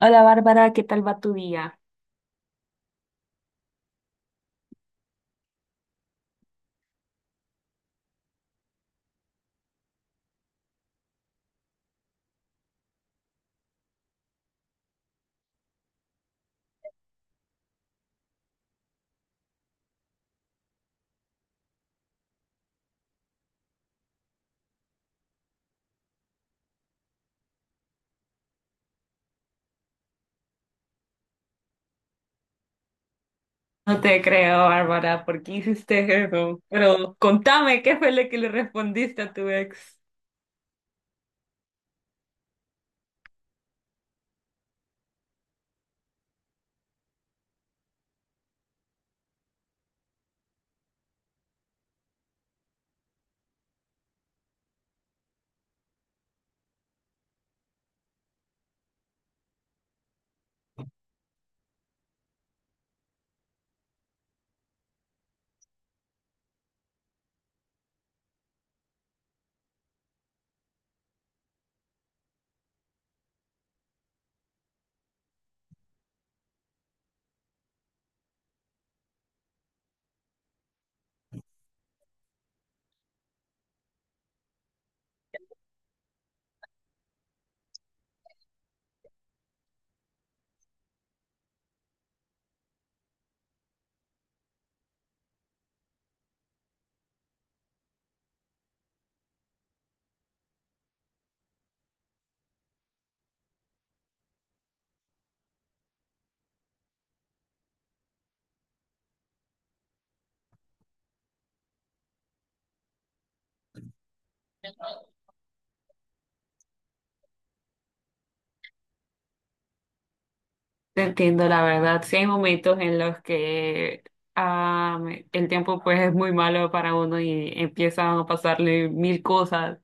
Hola Bárbara, ¿qué tal va tu día? No te creo, Bárbara, ¿por qué hiciste eso? Pero contame, ¿qué fue lo que le respondiste a tu ex? Te entiendo, la verdad. Sí hay momentos en los que el tiempo pues es muy malo para uno y empiezan a pasarle mil cosas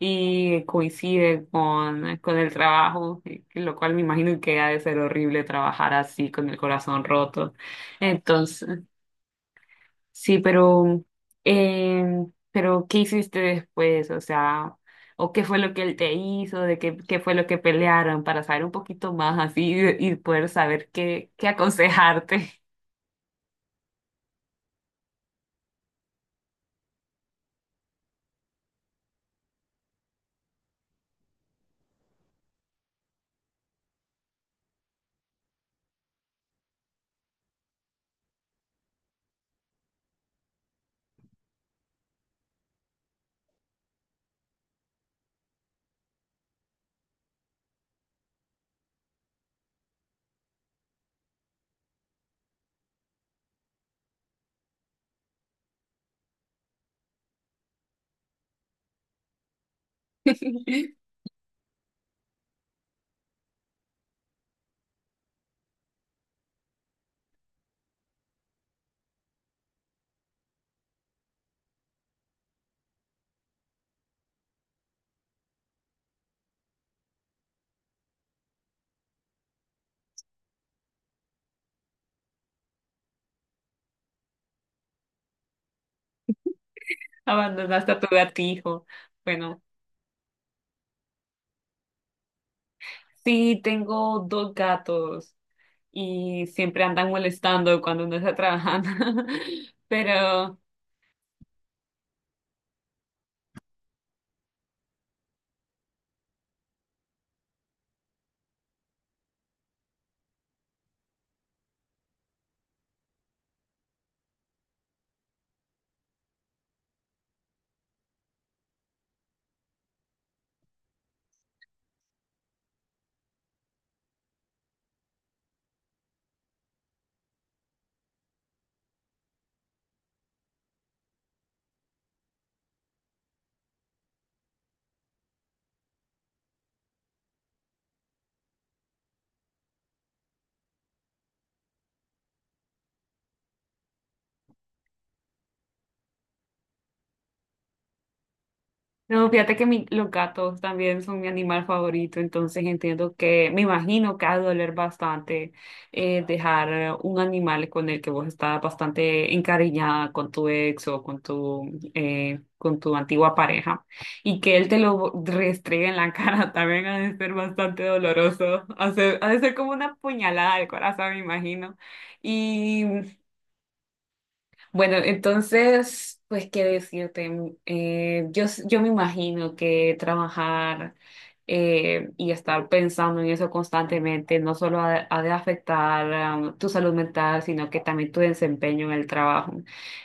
y coincide con el trabajo, lo cual me imagino que ha de ser horrible trabajar así con el corazón roto. Entonces. Sí, eh, pero ¿qué hiciste después? O sea, ¿o qué fue lo que él te hizo? ¿Qué fue lo que pelearon? Para saber un poquito más así y poder saber qué aconsejarte. Abandonaste a tu gatijo. Bueno, sí, tengo dos gatos y siempre andan molestando cuando uno está trabajando. Pero no, fíjate que los gatos también son mi animal favorito, entonces entiendo que, me imagino que ha de doler bastante, dejar un animal con el que vos estás bastante encariñada con tu ex o con tu antigua pareja y que él te lo restregue en la cara, también ha de ser bastante doloroso, ha de ser como una puñalada al corazón, me imagino. Bueno, entonces, pues, ¿qué decirte? Yo me imagino que trabajar, y estar pensando en eso constantemente no solo ha de afectar, am, tu salud mental, sino que también tu desempeño en el trabajo.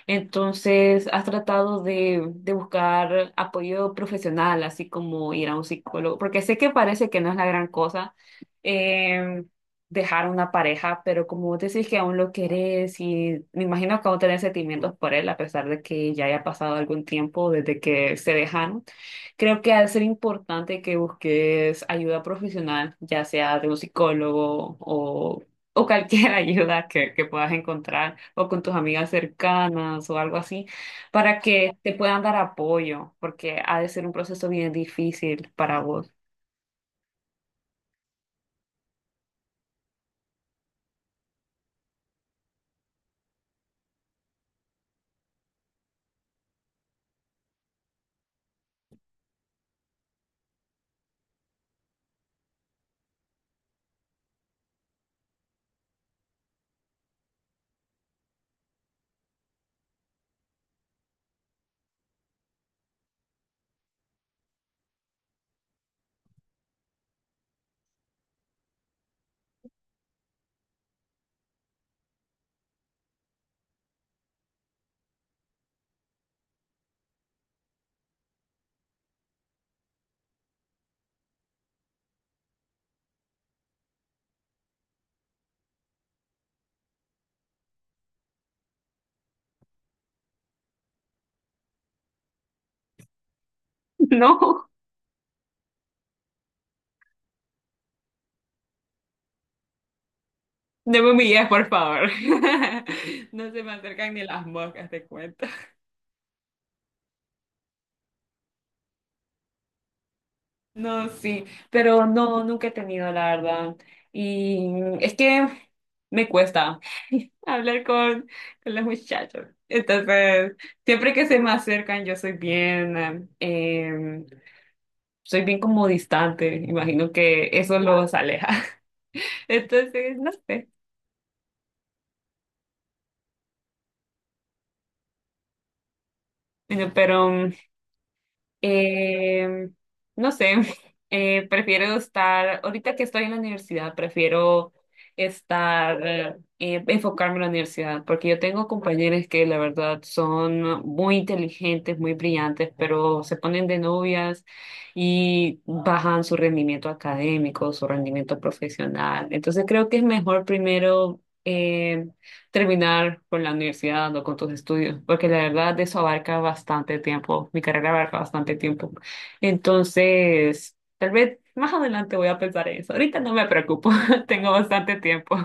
Entonces, ¿has tratado de buscar apoyo profesional, así como ir a un psicólogo? Porque sé que parece que no es la gran cosa. em, Dejar a una pareja, pero como vos decís que aún lo querés y me imagino que aún tenés sentimientos por él, a pesar de que ya haya pasado algún tiempo desde que se dejaron, creo que ha de ser importante que busques ayuda profesional, ya sea de un psicólogo o cualquier ayuda que puedas encontrar, o con tus amigas cercanas o algo así, para que te puedan dar apoyo, porque ha de ser un proceso bien difícil para vos. No. No me humilles, por favor. No se me acercan ni las moscas, te cuento. No, sí, pero no, nunca he tenido, la verdad. Y es que me cuesta hablar con los muchachos. Entonces, siempre que se me acercan, yo soy bien como distante. Imagino que eso los aleja. Entonces, no sé. Bueno, pero Eh, no sé, prefiero estar, ahorita que estoy en la universidad, prefiero estar, enfocarme en la universidad, porque yo tengo compañeros que la verdad son muy inteligentes, muy brillantes, pero se ponen de novias y bajan su rendimiento académico, su rendimiento profesional. Entonces creo que es mejor primero… terminar con la universidad o con tus estudios, porque la verdad eso abarca bastante tiempo, mi carrera abarca bastante tiempo. Entonces, tal vez más adelante voy a pensar en eso. Ahorita no me preocupo, tengo bastante tiempo.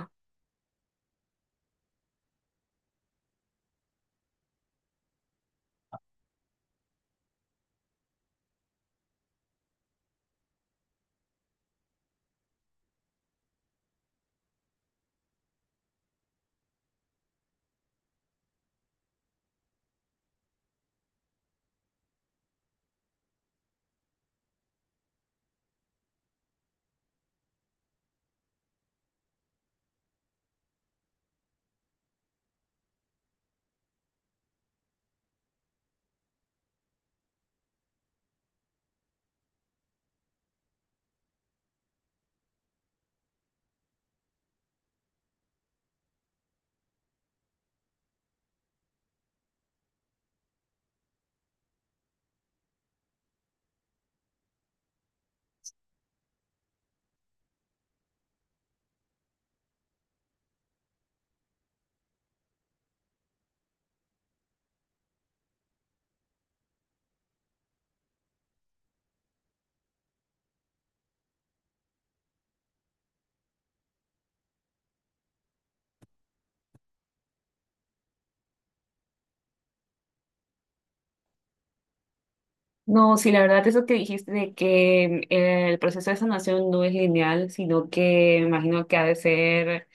No, sí, la verdad, eso que dijiste de que, el proceso de sanación no es lineal, sino que imagino que ha de ser,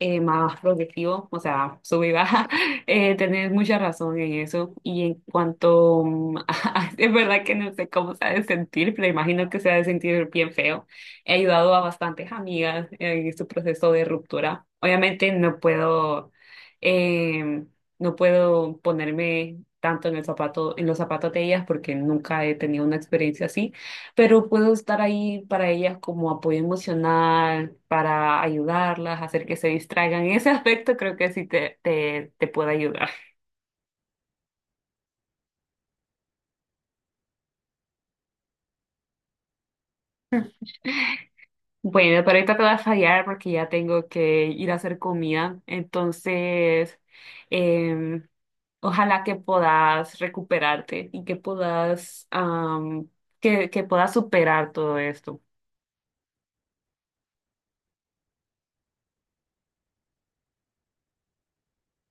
más progresivo, o sea, sube y baja. Tenés mucha razón en eso. Y en cuanto, mm, es verdad que no sé cómo se ha de sentir, pero imagino que se ha de sentir bien feo. He ayudado a bastantes amigas en su proceso de ruptura. Obviamente no puedo. em, no puedo ponerme tanto en el zapato, en los zapatos de ellas porque nunca he tenido una experiencia así, pero puedo estar ahí para ellas como apoyo emocional, para ayudarlas, hacer que se distraigan. En ese aspecto creo que sí te puede ayudar. Bueno, pero ahorita te voy a fallar porque ya tengo que ir a hacer comida, entonces, em, ojalá que puedas recuperarte y que puedas, am, que puedas superar todo esto.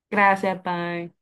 Gracias, bye.